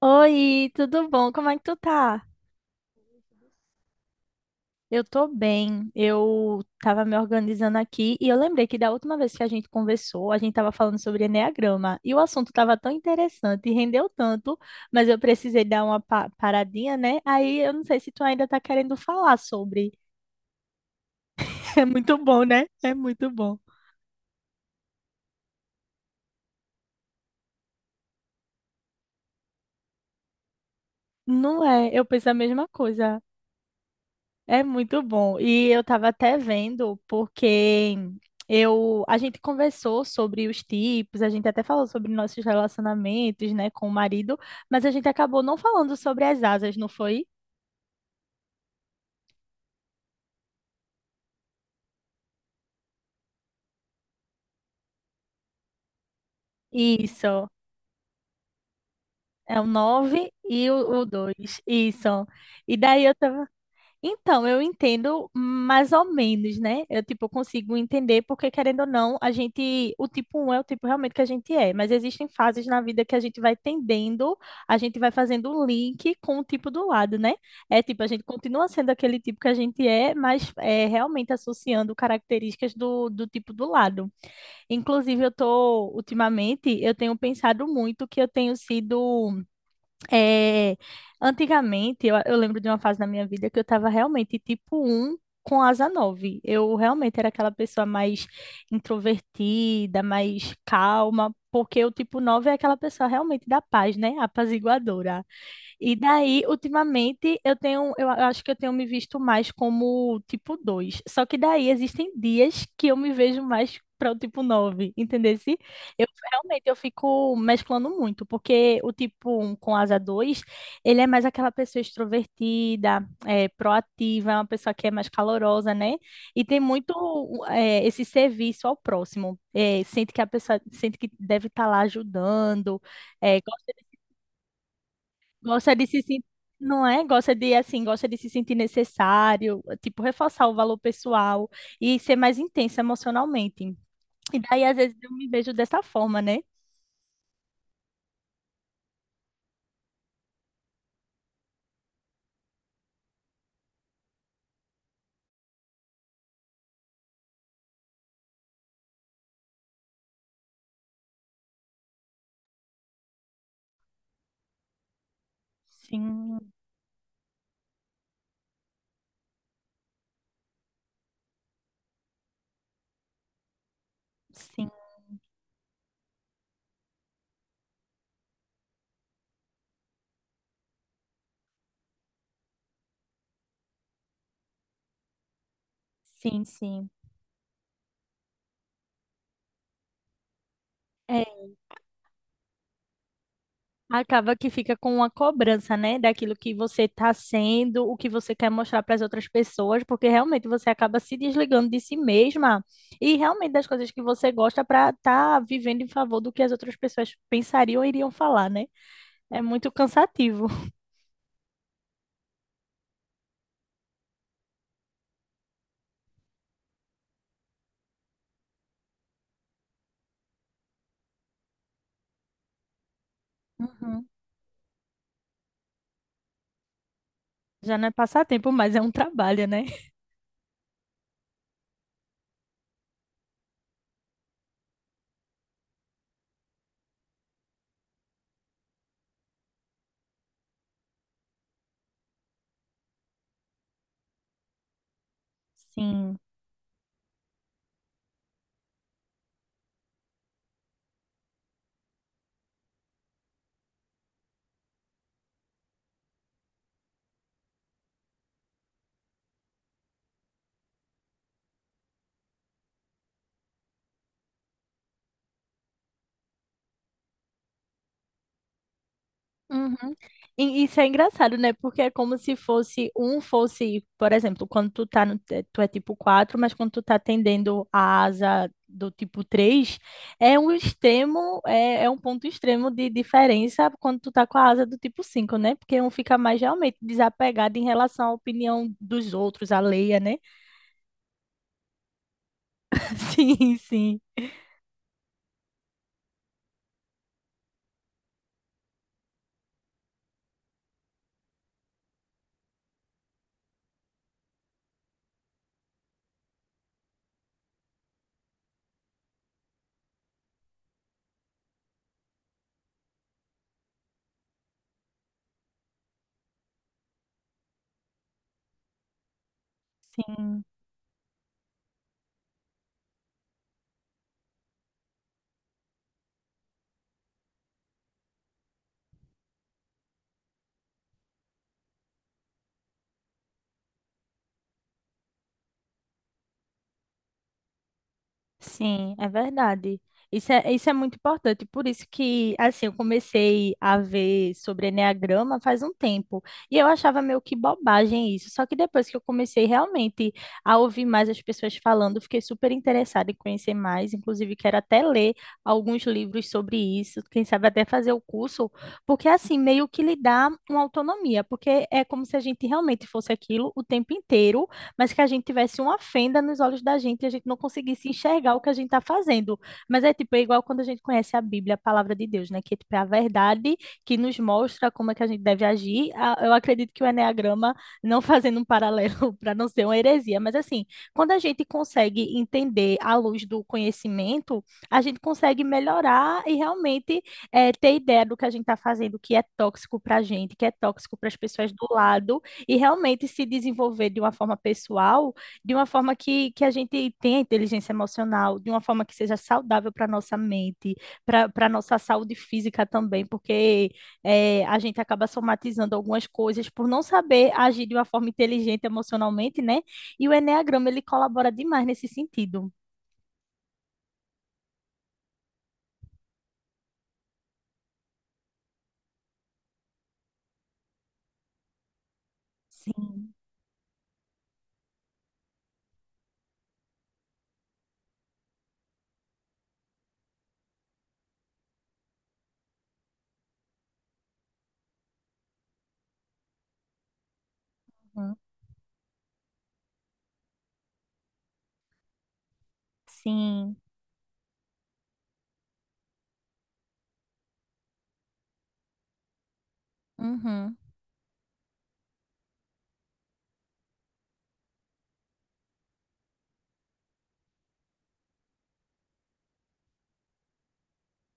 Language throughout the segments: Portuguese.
Oi, tudo bom? Como é que tu tá? Eu tô bem. Eu tava me organizando aqui e eu lembrei que da última vez que a gente conversou, a gente tava falando sobre eneagrama e o assunto tava tão interessante e rendeu tanto, mas eu precisei dar uma paradinha, né? Aí eu não sei se tu ainda tá querendo falar sobre. É muito bom, né? É muito bom. Não é, eu penso a mesma coisa. É muito bom. E eu estava até vendo, porque a gente conversou sobre os tipos, a gente até falou sobre nossos relacionamentos, né, com o marido, mas a gente acabou não falando sobre as asas, não foi? Isso. É o 9 e o dois. Isso. E daí eu tava. Então, eu entendo mais ou menos, né? Eu, tipo, consigo entender porque, querendo ou não, a gente, o tipo 1 é o tipo realmente que a gente é, mas existem fases na vida que a gente vai tendendo, a gente vai fazendo o link com o tipo do lado, né? É tipo, a gente continua sendo aquele tipo que a gente é, mas é realmente associando características do tipo do lado. Inclusive, eu tô, ultimamente, eu tenho pensado muito que eu tenho sido é, antigamente, eu lembro de uma fase da minha vida que eu estava realmente tipo um com asa nove. Eu realmente era aquela pessoa mais introvertida, mais calma, porque o tipo nove é aquela pessoa realmente da paz, né? Apaziguadora. E daí, ultimamente, eu tenho, eu acho que eu tenho me visto mais como tipo dois. Só que daí existem dias que eu me vejo mais para o tipo 9, entendeu? Eu realmente eu fico mesclando muito, porque o tipo um com asa 2 ele é mais aquela pessoa extrovertida, é, proativa, é uma pessoa que é mais calorosa, né? E tem muito é, esse serviço ao próximo. É, sente que a pessoa sente que deve estar lá ajudando, é, gosta. Gosta de se sentir, não é? Gosta de, assim, gosta de se sentir necessário, tipo, reforçar o valor pessoal e ser mais intensa emocionalmente. E daí, às vezes, eu me vejo dessa forma, né? Sim, sim, sim, sim. É, acaba que fica com uma cobrança, né, daquilo que você está sendo, o que você quer mostrar para as outras pessoas, porque realmente você acaba se desligando de si mesma e realmente das coisas que você gosta para estar vivendo em favor do que as outras pessoas pensariam ou iriam falar, né? É muito cansativo. Uhum. Já não é passatempo, mas é um trabalho, né? Sim. Uhum. E isso é engraçado, né? Porque é como se fosse um fosse, por exemplo, quando tu tá no, tu é tipo 4, mas quando tu tá atendendo a asa do tipo 3, é um extremo, é, é um ponto extremo de diferença quando tu tá com a asa do tipo 5, né? Porque um fica mais realmente desapegado em relação à opinião dos outros, alheia, né? Sim, sim. Sim. Sim, é verdade. Isso é muito importante. Por isso que, assim, eu comecei a ver sobre enneagrama faz um tempo. E eu achava meio que bobagem isso. Só que depois que eu comecei realmente a ouvir mais as pessoas falando, eu fiquei super interessada em conhecer mais. Inclusive, quero até ler alguns livros sobre isso. Quem sabe até fazer o curso. Porque, assim, meio que lhe dá uma autonomia. Porque é como se a gente realmente fosse aquilo o tempo inteiro mas que a gente tivesse uma fenda nos olhos da gente e a gente não conseguisse enxergar o que a gente está fazendo. Mas é tipo, é igual quando a gente conhece a Bíblia, a palavra de Deus, né? Que é tipo, é a verdade que nos mostra como é que a gente deve agir. Eu acredito que o enneagrama, não fazendo um paralelo para não ser uma heresia, mas assim, quando a gente consegue entender à luz do conhecimento, a gente consegue melhorar e realmente ter ideia do que a gente está fazendo, que é tóxico para a gente, que é tóxico para as pessoas do lado e realmente se desenvolver de uma forma pessoal, de uma forma que a gente tenha inteligência emocional, de uma forma que seja saudável para a nossa mente, para a nossa saúde física também, porque é, a gente acaba somatizando algumas coisas por não saber agir de uma forma inteligente emocionalmente, né? E o Eneagrama, ele colabora demais nesse sentido. Sim, sim. Uhum,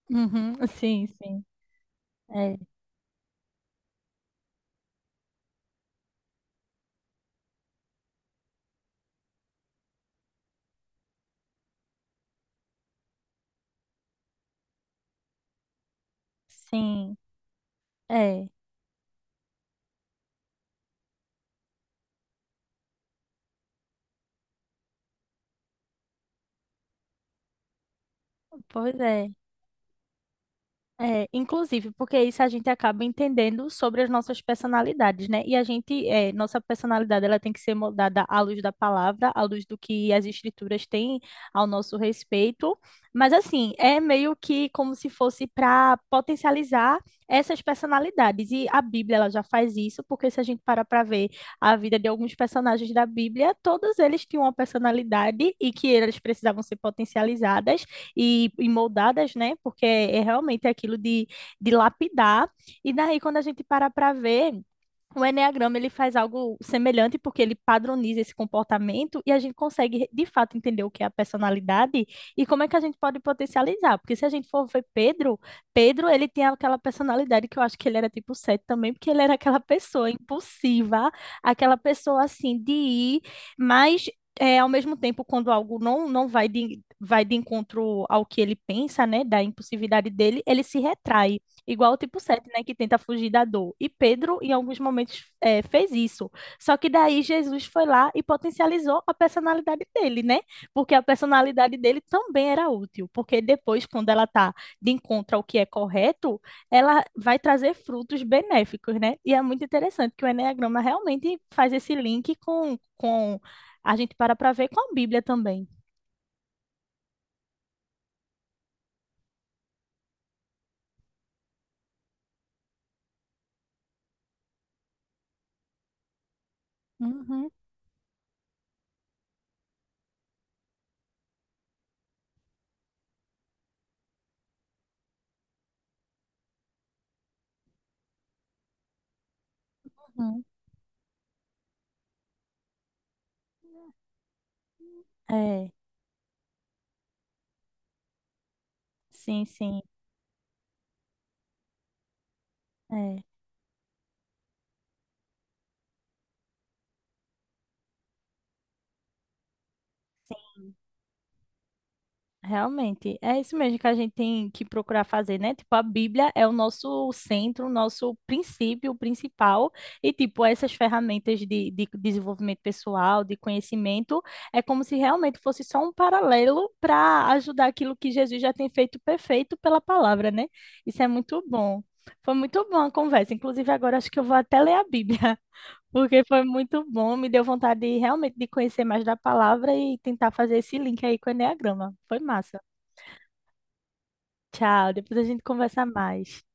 uhum, sim, sim. É, sim, é. Pois é. É, inclusive, porque isso a gente acaba entendendo sobre as nossas personalidades, né? E a gente, é, nossa personalidade, ela tem que ser moldada à luz da palavra, à luz do que as escrituras têm ao nosso respeito. Mas, assim, é meio que como se fosse para potencializar essas personalidades. E a Bíblia, ela já faz isso, porque se a gente parar para ver a vida de alguns personagens da Bíblia, todos eles tinham uma personalidade e que eles precisavam ser potencializadas e moldadas, né? Porque é realmente aquilo de lapidar. E daí, quando a gente para para ver. O enneagrama ele faz algo semelhante porque ele padroniza esse comportamento e a gente consegue de fato entender o que é a personalidade e como é que a gente pode potencializar. Porque se a gente for ver Pedro, Pedro ele tinha aquela personalidade que eu acho que ele era tipo 7 também, porque ele era aquela pessoa impulsiva, aquela pessoa assim de ir, mas é, ao mesmo tempo, quando algo não, não vai de, vai de encontro ao que ele pensa, né, da impulsividade dele, ele se retrai, igual o tipo 7, né, que tenta fugir da dor. E Pedro, em alguns momentos, é, fez isso. Só que daí Jesus foi lá e potencializou a personalidade dele, né? Porque a personalidade dele também era útil, porque depois, quando ela tá de encontro ao que é correto, ela vai trazer frutos benéficos, né? E é muito interessante que o Enneagrama realmente faz esse link com a gente para ver com a Bíblia também. Uhum, uhum. É, sim, sim, é, sim, realmente. É isso mesmo que a gente tem que procurar fazer, né? Tipo, a Bíblia é o nosso centro, o nosso princípio principal, e tipo, essas ferramentas de desenvolvimento pessoal, de conhecimento, é como se realmente fosse só um paralelo para ajudar aquilo que Jesus já tem feito perfeito pela palavra, né? Isso é muito bom. Foi muito boa a conversa. Inclusive, agora acho que eu vou até ler a Bíblia. Porque foi muito bom, me deu vontade de, realmente de conhecer mais da palavra e tentar fazer esse link aí com o Eneagrama. Foi massa. Tchau, depois a gente conversa mais.